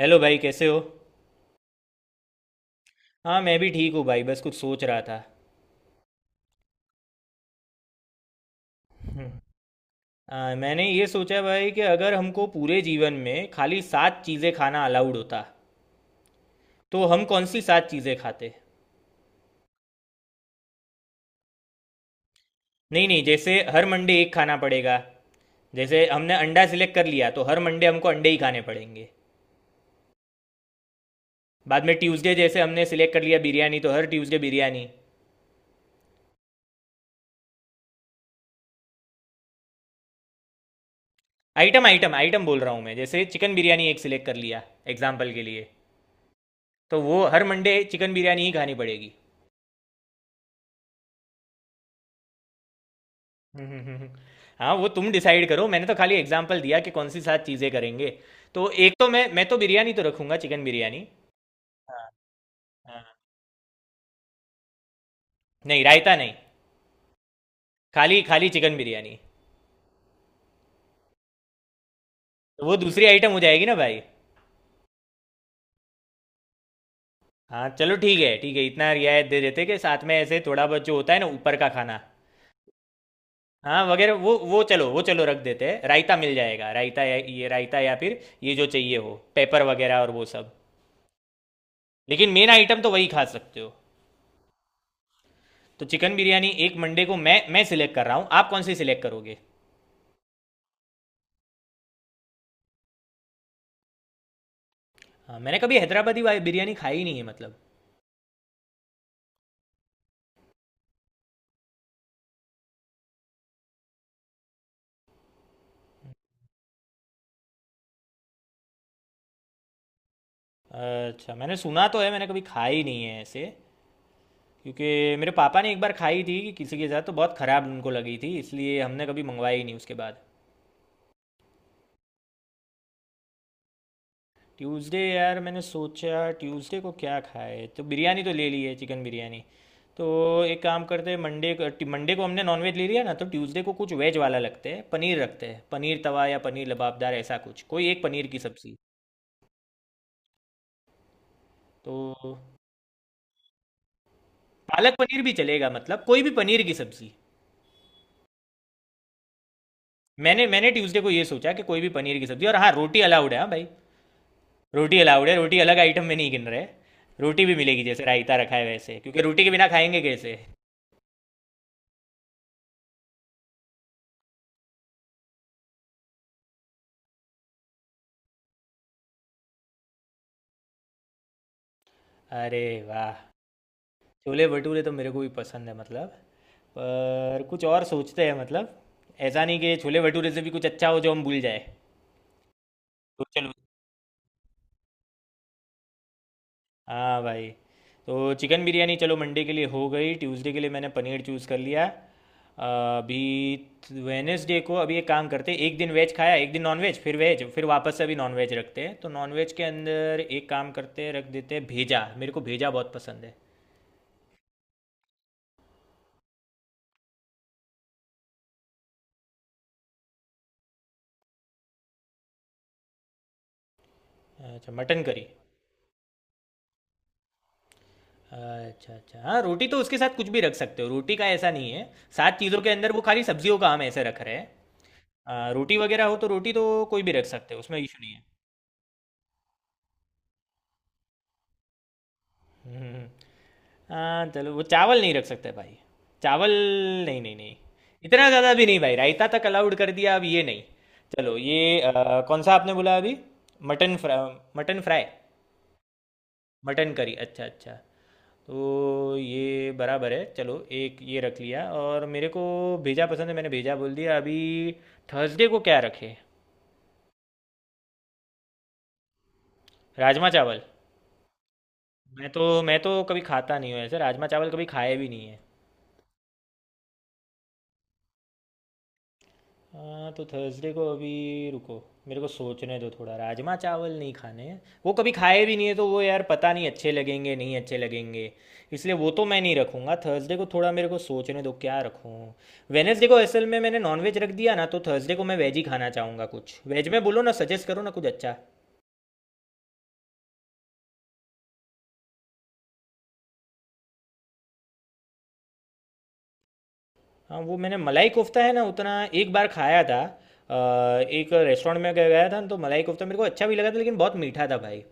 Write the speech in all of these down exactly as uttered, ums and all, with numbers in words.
Hello भाई, कैसे हो? हाँ, मैं भी ठीक हूँ भाई, बस कुछ सोच रहा था। आ, मैंने ये सोचा भाई कि अगर हमको पूरे जीवन में खाली सात चीज़ें खाना अलाउड होता तो हम कौन सी सात चीज़ें खाते? नहीं, नहीं, जैसे हर मंडे एक खाना पड़ेगा। जैसे हमने अंडा सिलेक्ट कर लिया तो हर मंडे हमको अंडे ही खाने पड़ेंगे। बाद में ट्यूसडे जैसे हमने सिलेक्ट कर लिया बिरयानी तो हर Tuesday biryani. Item item item बोल रहा हूँ मैं, जैसे चिकन बिरयानी एक सिलेक्ट कर लिया एग्जाम्पल के लिए। तो वो हर मंडे चिकन बिरयानी ही खानी पड़ेगी। हम्म, हम्म, हम्म। हाँ, वो तुम डिसाइड करो, मैंने तो खाली एग्जांपल दिया कि कौन सी सात चीज़ें करेंगे। तो एक तो मैं मैं तो बिरयानी तो रखूंगा, चिकन बिरयानी। हाँ, हाँ। नहीं, रायता नहीं। खाली खाली चिकन बिरयानी। तो वो दूसरी आइटम हो जाएगी ना भाई। हाँ चलो, ठीक है, ठीक है, इतना रियायत दे देते कि साथ में ऐसे थोड़ा बहुत जो होता है ना ऊपर का खाना। हाँ, वगैरह वो वो चलो, वो चलो रख देते हैं, रायता मिल जाएगा, रायता या ये रायता, या फिर ये जो चाहिए हो, पेपर वगैरह और वो सब। लेकिन मेन आइटम तो वही खा सकते हो। तो चिकन बिरयानी एक मंडे को मैं मैं सिलेक्ट कर रहा हूँ, आप कौन सी सिलेक्ट करोगे? हाँ, मैंने कभी हैदराबादी वाली बिरयानी खाई नहीं है मतलब। अच्छा, मैंने सुना तो है, मैंने कभी खाई नहीं है ऐसे, क्योंकि मेरे पापा ने एक बार खाई थी कि किसी के साथ, तो बहुत ख़राब उनको लगी थी, इसलिए हमने कभी मंगवाई ही नहीं उसके बाद। ट्यूसडे यार, मैंने सोचा ट्यूसडे को क्या खाए, तो बिरयानी तो ले ली है चिकन बिरयानी। तो एक काम करते हैं मंडे को मंडे को हमने नॉनवेज ले लिया ना, तो ट्यूसडे को कुछ वेज वाला लगते हैं, पनीर रखते हैं, पनीर तवा या पनीर लबाबदार, ऐसा कुछ, कोई एक पनीर की सब्ज़ी। तो पालक पनीर भी चलेगा, मतलब कोई भी पनीर की सब्जी। मैंने मैंने ट्यूसडे को ये सोचा कि कोई भी पनीर की सब्जी, और हाँ, रोटी अलाउड है, हाँ भाई। रोटी अलाउड है, रोटी अलग आइटम में नहीं गिन रहे। रोटी भी मिलेगी जैसे रायता रखा है वैसे, क्योंकि रोटी के बिना खाएंगे कैसे? अरे, वाह। छोले भटूरे तो मेरे को भी पसंद है मतलब। पर कुछ और सोचते हैं मतलब। ऐसा नहीं कि छोले भटूरे से भी कुछ अच्छा हो जो हम भूल जाए। तो चलो, हाँ भाई। तो चिकन बिरयानी चलो मंडे के लिए हो गई, ट्यूसडे के लिए मैंने पनीर चूज़ कर लिया अ, अभी। वेनेसडे को अभी एक काम करते हैं, एक दिन वेज खाया, एक दिन नॉन वेज, फिर वेज, फिर वापस से अभी नॉन वेज रखते हैं। तो नॉन वेज के अंदर एक काम करते हैं, रख देते हैं भेजा, मेरे को भेजा बहुत पसंद है। अच्छा, मटन करी। अच्छा अच्छा, हाँ रोटी तो उसके साथ कुछ भी रख सकते हो, रोटी का ऐसा नहीं है। सात चीज़ों के अंदर वो खाली सब्जियों का हम ऐसे रख रहे हैं। अ, रोटी वगैरह हो तो रोटी तो कोई भी रख सकते हो, उसमें इशू नहीं है। हम्म। हम्म। हाँ चलो, वो चावल नहीं रख सकते भाई। चावल, नहीं, नहीं, नहीं। इतना ज़्यादा भी नहीं भाई, रायता तक अलाउड कर दिया, अब ये नहीं। चलो ये अ, कौन सा आपने बोला अभी? मटन फ्रा मटन फ्राई। मटन करी, अच्छा अच्छा। तो ये बराबर है, चलो एक ये रख लिया। और मेरे को भेजा पसंद है, मैंने भेजा बोल दिया अभी। थर्सडे को क्या रखे? राजमा चावल। मैं तो मैं तो कभी खाता नहीं हूँ ऐसे, राजमा चावल कभी खाए भी नहीं है। हाँ तो थर्सडे को अभी रुको, मेरे को सोचने दो थोड़ा, राजमा चावल नहीं खाने हैं। वो कभी खाए भी नहीं है तो वो यार पता नहीं, अच्छे लगेंगे नहीं अच्छे लगेंगे। इसलिए वो तो मैं नहीं रखूँगा थर्सडे को। थोड़ा मेरे को सोचने दो क्या रखूँ। वेनेसडे को असल में मैंने नॉनवेज रख दिया ना, तो थर्सडे को मैं वेज ही खाना चाहूँगा। कुछ वेज में बोलो ना, सजेस्ट करो ना कुछ अच्छा। हाँ वो, मैंने मलाई कोफ्ता है ना उतना, एक बार खाया था। अ, एक रेस्टोरेंट में गया था ना, तो मलाई कोफ्ता मेरे को अच्छा भी लगा था, लेकिन बहुत मीठा था भाई।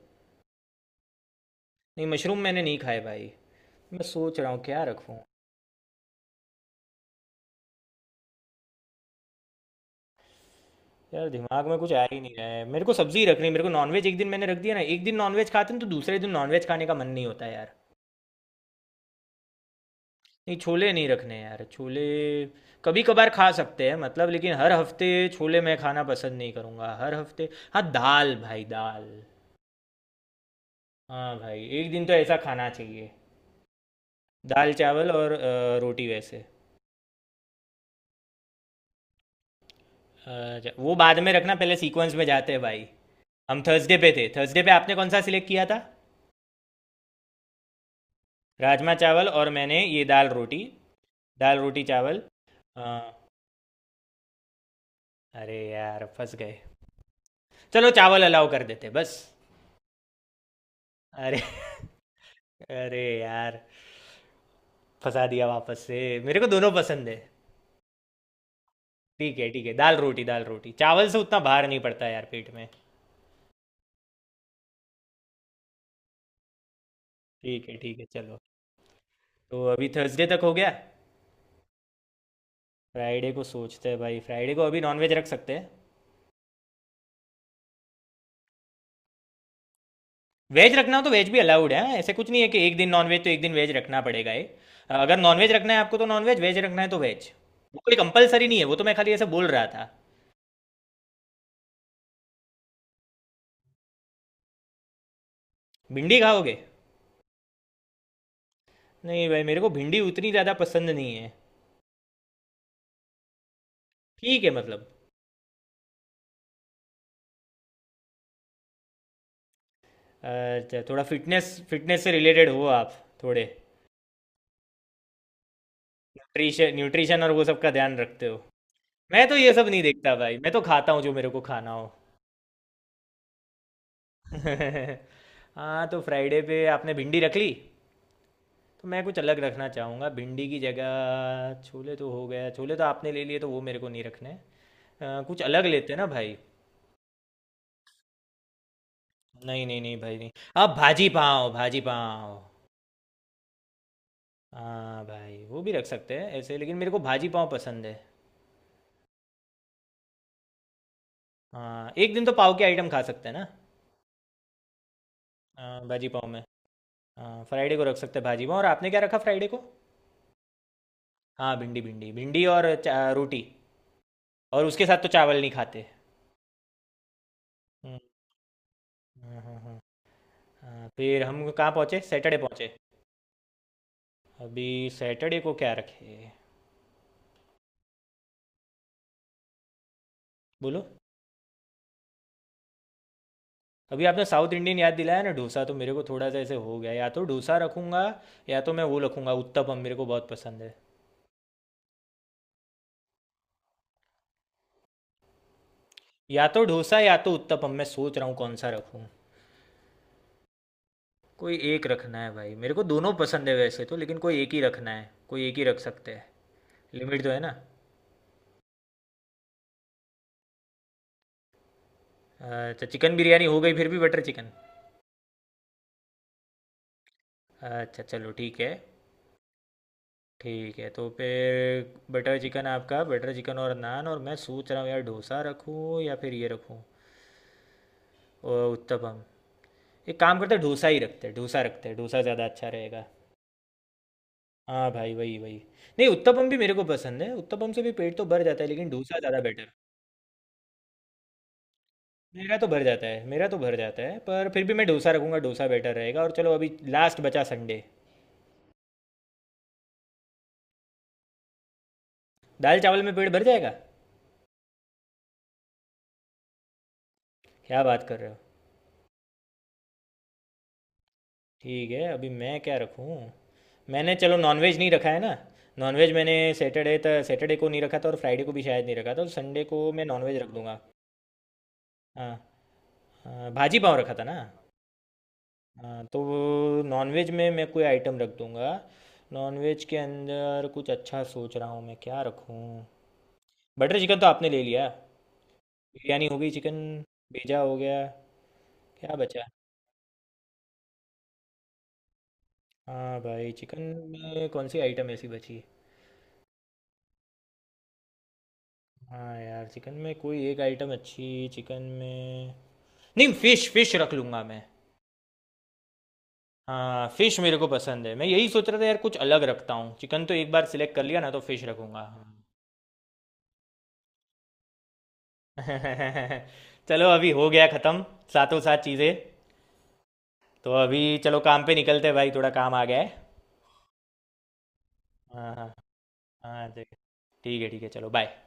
नहीं, मशरूम मैंने नहीं खाए भाई। मैं सोच रहा हूँ क्या रखूँ। यार, दिमाग में कुछ आ ही नहीं रहा है, मेरे को सब्जी रखनी है, मेरे को नॉनवेज एक दिन मैंने रख दिया ना, एक दिन नॉनवेज खाते हैं तो दूसरे दिन नॉनवेज खाने का मन नहीं होता यार। नहीं, छोले नहीं रखने यार, छोले कभी कभार खा सकते हैं मतलब, लेकिन हर हफ्ते छोले मैं खाना पसंद नहीं करूँगा हर हफ्ते। हाँ दाल, भाई दाल। हाँ भाई, एक दिन तो ऐसा खाना चाहिए। दाल चावल और अ, रोटी वैसे। अच्छा, वो बाद में रखना, पहले सीक्वेंस में जाते हैं भाई। हम थर्सडे पे थे, थर्सडे पे आपने कौन सा सिलेक्ट किया था? राजमा चावल, और मैंने ये दाल रोटी, दाल रोटी चावल, हाँ। अरे यार, फंस गए। चलो चावल अलाउ कर देते बस। अरे अरे यार, फंसा दिया वापस से। मेरे को दोनों पसंद है। ठीक है, ठीक है, दाल रोटी, दाल रोटी चावल से उतना भार नहीं पड़ता यार पेट में। ठीक है, ठीक है, चलो। तो अभी थर्सडे तक हो गया। फ्राइडे को सोचते हैं भाई, फ्राइडे को अभी नॉनवेज रख सकते हैं। वेज रखना हो तो वेज भी अलाउड है, ऐसे कुछ नहीं है कि एक दिन नॉनवेज तो एक दिन वेज रखना पड़ेगा ये। अगर नॉनवेज रखना है आपको तो नॉनवेज, वेज रखना है तो वेज। वो कोई कंपलसरी नहीं है, वो तो मैं खाली ऐसे बोल रहा था। भिंडी खाओगे? नहीं भाई, मेरे को भिंडी उतनी ज़्यादा पसंद नहीं है। ठीक है मतलब। अच्छा, थोड़ा फिटनेस फिटनेस से रिलेटेड हो आप थोड़े, न्यूट्रिशन न्यूट्रिशन और वो सब का ध्यान रखते हो? मैं तो ये सब नहीं देखता भाई, मैं तो खाता हूँ जो मेरे को खाना हो। हाँ, तो फ्राइडे पे आपने भिंडी रख ली, तो मैं कुछ अलग रखना चाहूँगा भिंडी की जगह। छोले तो हो गया, छोले तो आपने ले लिए, तो वो मेरे को नहीं रखने हैं। अ, कुछ अलग लेते हैं ना भाई। नहीं, नहीं, नहीं भाई, नहीं। आप भाजी पाव, भाजी पाव। हाँ भाई, वो भी रख सकते हैं ऐसे, लेकिन मेरे को भाजी पाव पसंद है। हाँ, एक दिन तो पाव के आइटम खा सकते हैं ना। हाँ, भाजी पाव में। हाँ, फ्राइडे को रख सकते हैं भाजी पाव, और आपने क्या रखा फ्राइडे को? हाँ भिंडी, भिंडी भिंडी, और चा- रोटी। और उसके साथ तो चावल नहीं खाते। हम्म, हाँ, हाँ, हाँ। हाँ, फिर हम कहाँ पहुँचे? सैटरडे पहुँचे। अभी सैटरडे को क्या रखे? बोलो। अभी आपने साउथ इंडियन याद दिलाया ना डोसा, तो मेरे को थोड़ा सा ऐसे हो गया, या तो डोसा रखूँगा, या तो मैं वो रखूँगा उत्तपम, मेरे को बहुत पसंद है। या तो डोसा या तो उत्तपम, मैं सोच रहा हूँ कौन सा रखूँ। कोई एक रखना है भाई, मेरे को दोनों पसंद है वैसे तो, लेकिन कोई एक ही रखना है, कोई एक ही रख सकते हैं। लिमिट तो है ना। अच्छा, चिकन बिरयानी हो गई फिर भी बटर चिकन। अच्छा चलो, ठीक है। ठीक है, तो फिर बटर चिकन, आपका बटर चिकन और नान, और मैं सोच रहा हूँ यार डोसा रखूँ या फिर ये रखूँ, और उत्तपम। एक काम करते हैं डोसा ही रखते हैं, डोसा रखते हैं, डोसा ज़्यादा अच्छा रहेगा। हाँ भाई, वही वही। नहीं, उत्तपम भी मेरे को पसंद है, उत्तपम से भी पेट तो भर जाता है, लेकिन डोसा ज़्यादा बेटर। मेरा तो भर जाता है, मेरा तो भर जाता है, पर फिर भी मैं डोसा रखूंगा, डोसा बेटर रहेगा। और चलो अभी लास्ट बचा संडे। दाल चावल में पेट भर जाएगा? क्या बात कर रहे हो। ठीक है, अभी मैं क्या रखूँ। मैंने चलो नॉनवेज नहीं रखा है ना। नॉनवेज मैंने सैटरडे तक, सैटरडे को नहीं रखा था, और फ्राइडे को भी शायद नहीं रखा था, तो संडे को मैं नॉनवेज रख दूंगा। हाँ, हाँ, भाजी पाव रखा था ना। हाँ, तो नॉनवेज में मैं कोई आइटम रख दूंगा। नॉनवेज के अंदर कुछ अच्छा सोच रहा हूँ मैं, क्या रखूँ। बटर चिकन तो आपने ले लिया। बिरयानी हो गई चिकन। भेजा हो गया। क्या बचा? हाँ भाई, चिकन में कौन सी आइटम ऐसी बची? हाँ यार, चिकन में कोई एक आइटम अच्छी। चिकन में। नहीं, फिश, फिश रख लूँगा मैं। हाँ, फिश मेरे को पसंद है, मैं यही सोच रहा था यार कुछ अलग रखता हूँ, चिकन तो एक बार सिलेक्ट कर लिया ना, तो फिश रखूँगा, हाँ। चलो अभी हो गया ख़त्म। सातों सात चीज़ें। तो अभी चलो, काम पे निकलते हैं भाई, थोड़ा काम आ गया है। हाँ, हाँ। हाँ ठीक। ठीक है, ठीक है, चलो बाय।